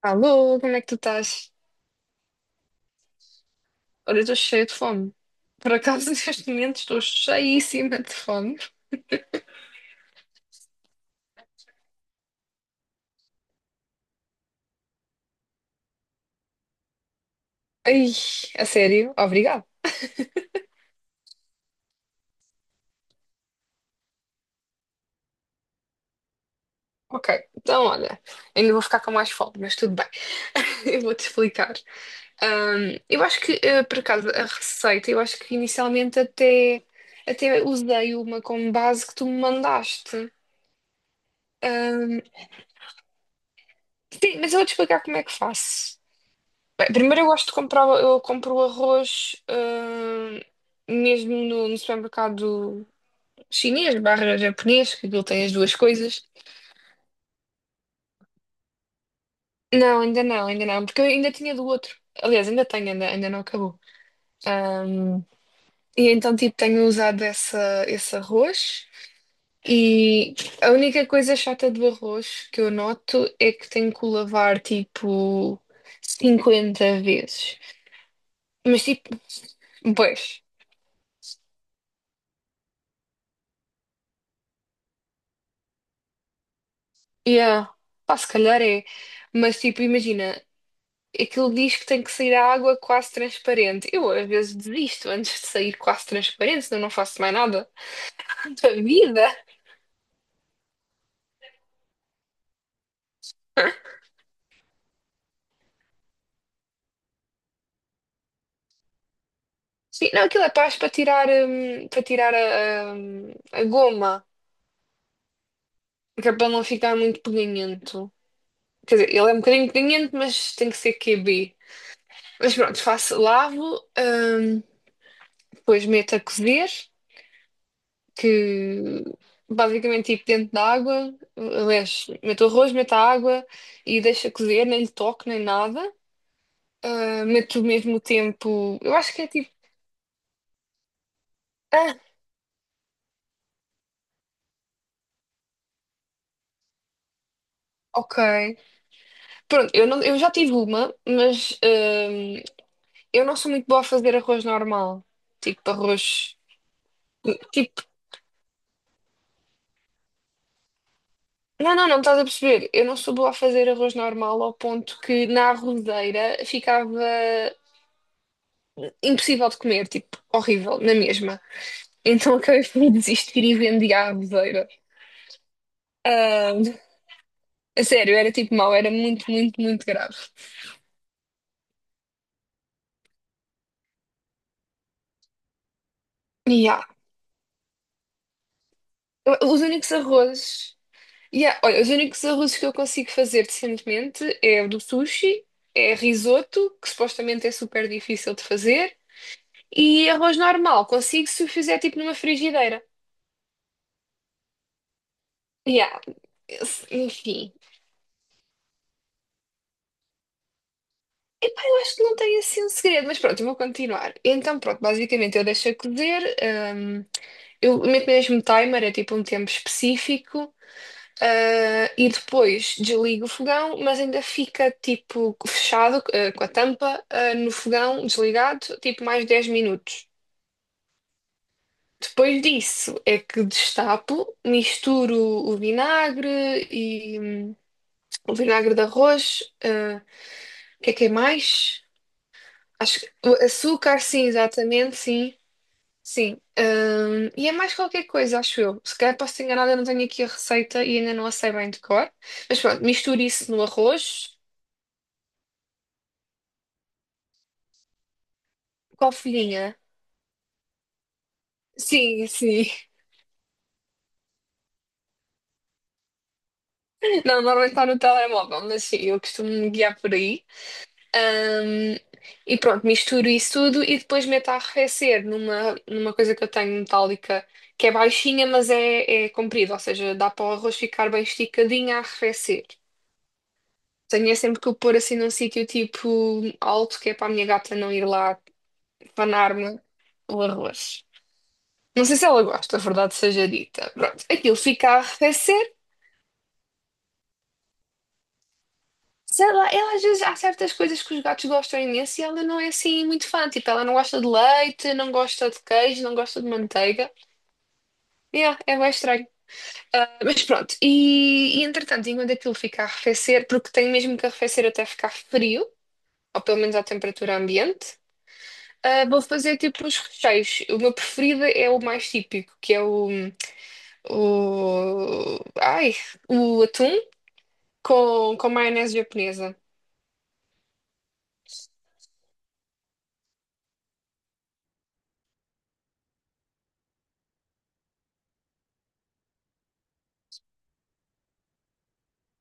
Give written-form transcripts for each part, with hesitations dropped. Alô, como é que tu estás? Olha, eu estou cheia de fome. Por acaso, neste momento, estou cheíssima de fome. Ai, a sério? Obrigado. Ok, então olha, ainda vou ficar com mais fome, mas tudo bem. Eu vou-te explicar. Eu acho que, por acaso, a receita, eu acho que inicialmente até usei uma como base que tu me mandaste. Ahm, sim, mas eu vou-te explicar como é que faço. Bem, primeiro eu gosto de comprar, eu compro o arroz, mesmo no supermercado chinês barra japonês, que ele tem as duas coisas. Não, ainda não, ainda não, porque eu ainda tinha do outro. Aliás, ainda tenho, ainda não acabou. Hum, e então, tipo, tenho usado essa, esse arroz e a única coisa chata do arroz que eu noto é que tenho que o lavar, tipo, 50 vezes. Mas, tipo, pois. Yeah. Pá, se calhar é. Mas tipo, imagina, aquilo diz que tem que sair a água quase transparente. Eu às vezes desisto antes de sair quase transparente, senão não faço mais nada da vida. Sim, não, aquilo é paz para tirar a goma, que é para não ficar muito peganhento. Quer dizer, ele é um bocadinho peganhento, mas tem que ser QB. Mas pronto, faço, lavo, depois meto a cozer, que basicamente tipo dentro da água. Aliás, meto o arroz, meto a água e deixa cozer, nem lhe toco nem nada. Ah, meto mesmo o tempo, eu acho que é tipo, ah, ok. Pronto, eu, não, eu já tive uma, mas eu não sou muito boa a fazer arroz normal, tipo arroz, tipo, não, não, não estás a perceber, eu não sou boa a fazer arroz normal ao ponto que na arrozeira ficava impossível de comer, tipo, horrível, na mesma. Então acabei por desistir e vendi à avezeira. Ah, a sério, era tipo mau, era muito, muito, muito grave. Yeah. Os únicos arrozes. Yeah, olha, os únicos arrozes que eu consigo fazer decentemente é o do sushi, é risoto, que supostamente é super difícil de fazer, e arroz normal, consigo se o fizer tipo numa frigideira. Yeah. Enfim. Epá, eu acho que não tem assim um segredo, mas pronto, eu vou continuar. Então, pronto, basicamente eu deixo a cozer, hum, eu meto mesmo timer, é tipo um tempo específico, e depois desligo o fogão, mas ainda fica tipo fechado, com a tampa, no fogão desligado, tipo mais 10 minutos. Depois disso é que destapo, misturo o vinagre e, o vinagre de arroz, o que é mais? Acho que o açúcar, sim, exatamente, sim, sim. E é mais qualquer coisa, acho eu. Se calhar posso ter enganada, eu não tenho aqui a receita e ainda não a sei bem de cor. Mas pronto, misture isso no arroz com a folhinha. Sim, sim. Não, normalmente está no telemóvel, mas sim, eu costumo me guiar por aí. Hum, e pronto, misturo isso tudo e depois meto a arrefecer numa, numa coisa que eu tenho metálica, que é baixinha, mas é comprida, ou seja, dá para o arroz ficar bem esticadinho a arrefecer. Tenho é sempre que o pôr assim num sítio tipo alto, que é para a minha gata não ir lá panar-me o arroz. Não sei se ela gosta, a verdade seja dita. Pronto, aquilo fica a arrefecer. Sei lá, ela às vezes há certas coisas que os gatos gostam imenso e ela não é assim muito fã. Tipo, ela não gosta de leite, não gosta de queijo, não gosta de manteiga. Yeah, é bem estranho. Ah, mas pronto, e, entretanto, enquanto aquilo fica a arrefecer, porque tem mesmo que arrefecer até ficar frio, ou pelo menos à temperatura ambiente. Vou fazer tipo os recheios. O meu preferido é o mais típico, que é o, ai, o atum com, maionese japonesa.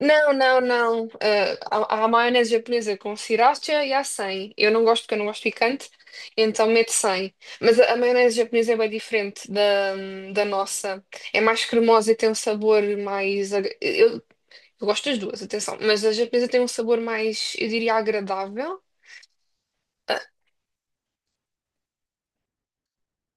Não, não, não. Há maionese japonesa com sriracha e há sem. Eu não gosto porque eu não gosto picante, então meto sem. Mas a maionese japonesa é bem diferente da nossa. É mais cremosa e tem um sabor mais. Eu gosto das duas, atenção. Mas a japonesa tem um sabor mais, eu diria, agradável. Ah,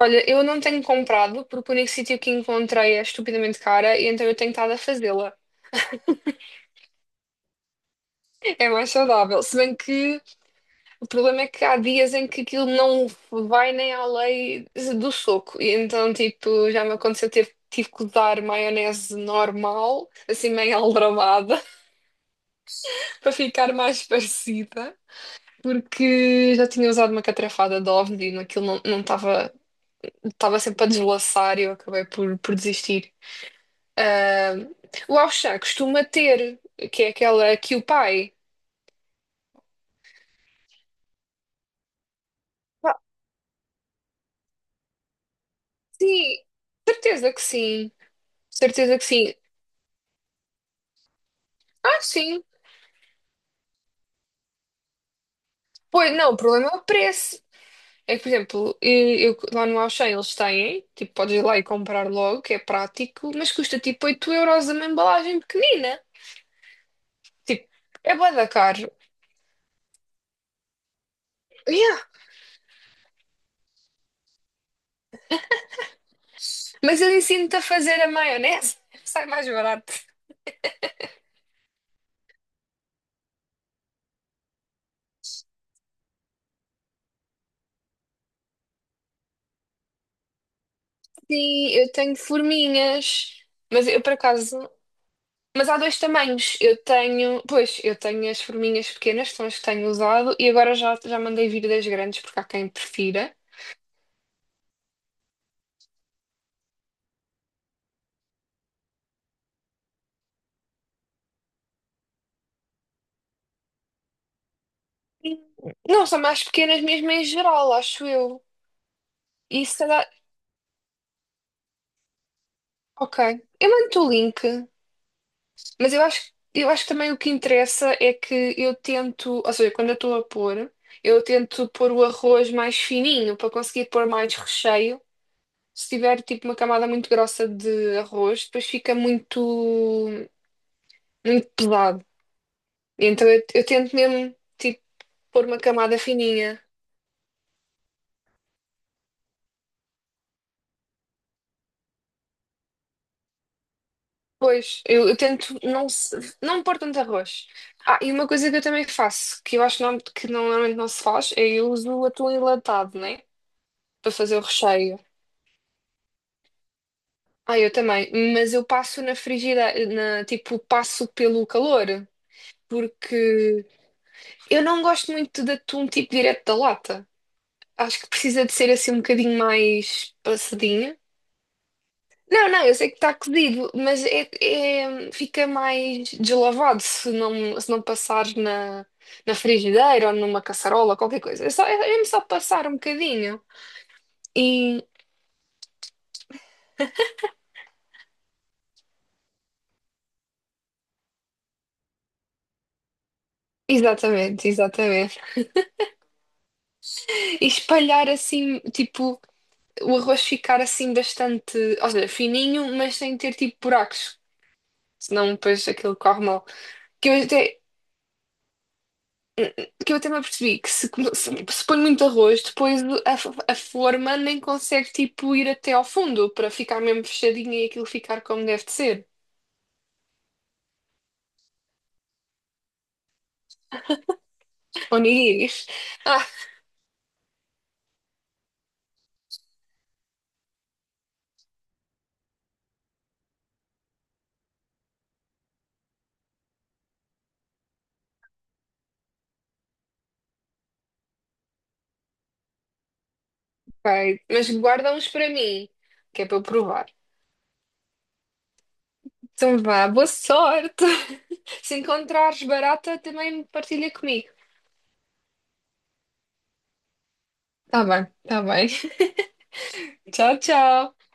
Olha, eu não tenho comprado porque o único sítio que encontrei é estupidamente cara e então eu tenho estado a fazê-la. É mais saudável. Se bem que o problema é que há dias em que aquilo não vai nem além do soco. E então, tipo, já me aconteceu ter, tive que usar maionese normal, assim meio aldrabada, para ficar mais parecida. Porque já tinha usado uma catrafada de ovni e aquilo não estava sempre a deslaçar e eu acabei por desistir. Ah, o Ao Chá costuma ter, que é aquela que o pai. Ah, Sim, certeza que sim. Certeza que sim. Sim. Pois não, o problema é o preço. É que, por exemplo, lá no Ao eles têm, tipo, podes ir lá e comprar logo, que é prático, mas custa tipo 8 € uma embalagem pequenina. Tipo, é bué da caro. Yeah. Mas eu ensino-te a fazer a maionese, sai mais barato. Sim, eu tenho forminhas, mas eu por acaso. Mas há dois tamanhos. Eu tenho, pois, eu tenho as forminhas pequenas, que são as que tenho usado, e agora já mandei vir das grandes, porque há quem prefira. E Não, são mais pequenas mesmo em geral, acho eu. E será. Ok. Eu mando-te o link, mas eu acho que também o que interessa é que eu tento, ou seja, quando eu estou a pôr, eu tento pôr o arroz mais fininho para conseguir pôr mais recheio. Se tiver tipo uma camada muito grossa de arroz, depois fica muito, muito pesado. Então eu tento mesmo, tipo, pôr uma camada fininha. Pois, eu tento não, não pôr tanto arroz. Ah, e uma coisa que eu também faço, que eu acho não, que não- normalmente não se faz, é eu uso o atum enlatado, né? Para fazer o recheio. Eu também. Mas eu passo na frigideira, passo pelo calor. Porque eu não gosto muito de atum, tipo, direto da lata. Acho que precisa de ser assim um bocadinho mais passadinho. Não, não, eu sei que está cozido, mas fica mais deslavado se não, passares na frigideira ou numa caçarola, qualquer coisa. É só, é mesmo só passar um bocadinho. E, exatamente, exatamente. E espalhar assim, tipo, o arroz ficar assim bastante, ou seja, fininho, mas sem ter tipo buracos. Senão depois aquilo corre mal. Que eu até, que eu até me apercebi que se, come- se põe muito arroz, depois a forma nem consegue tipo ir até ao fundo para ficar mesmo fechadinha e aquilo ficar como deve de ser. Onigiris. Ah, Vai. Mas guarda uns para mim, que é para eu provar. Então vá, boa sorte. Se encontrares barata, também partilha comigo. Tá bem, tá bem. Tchau, tchau.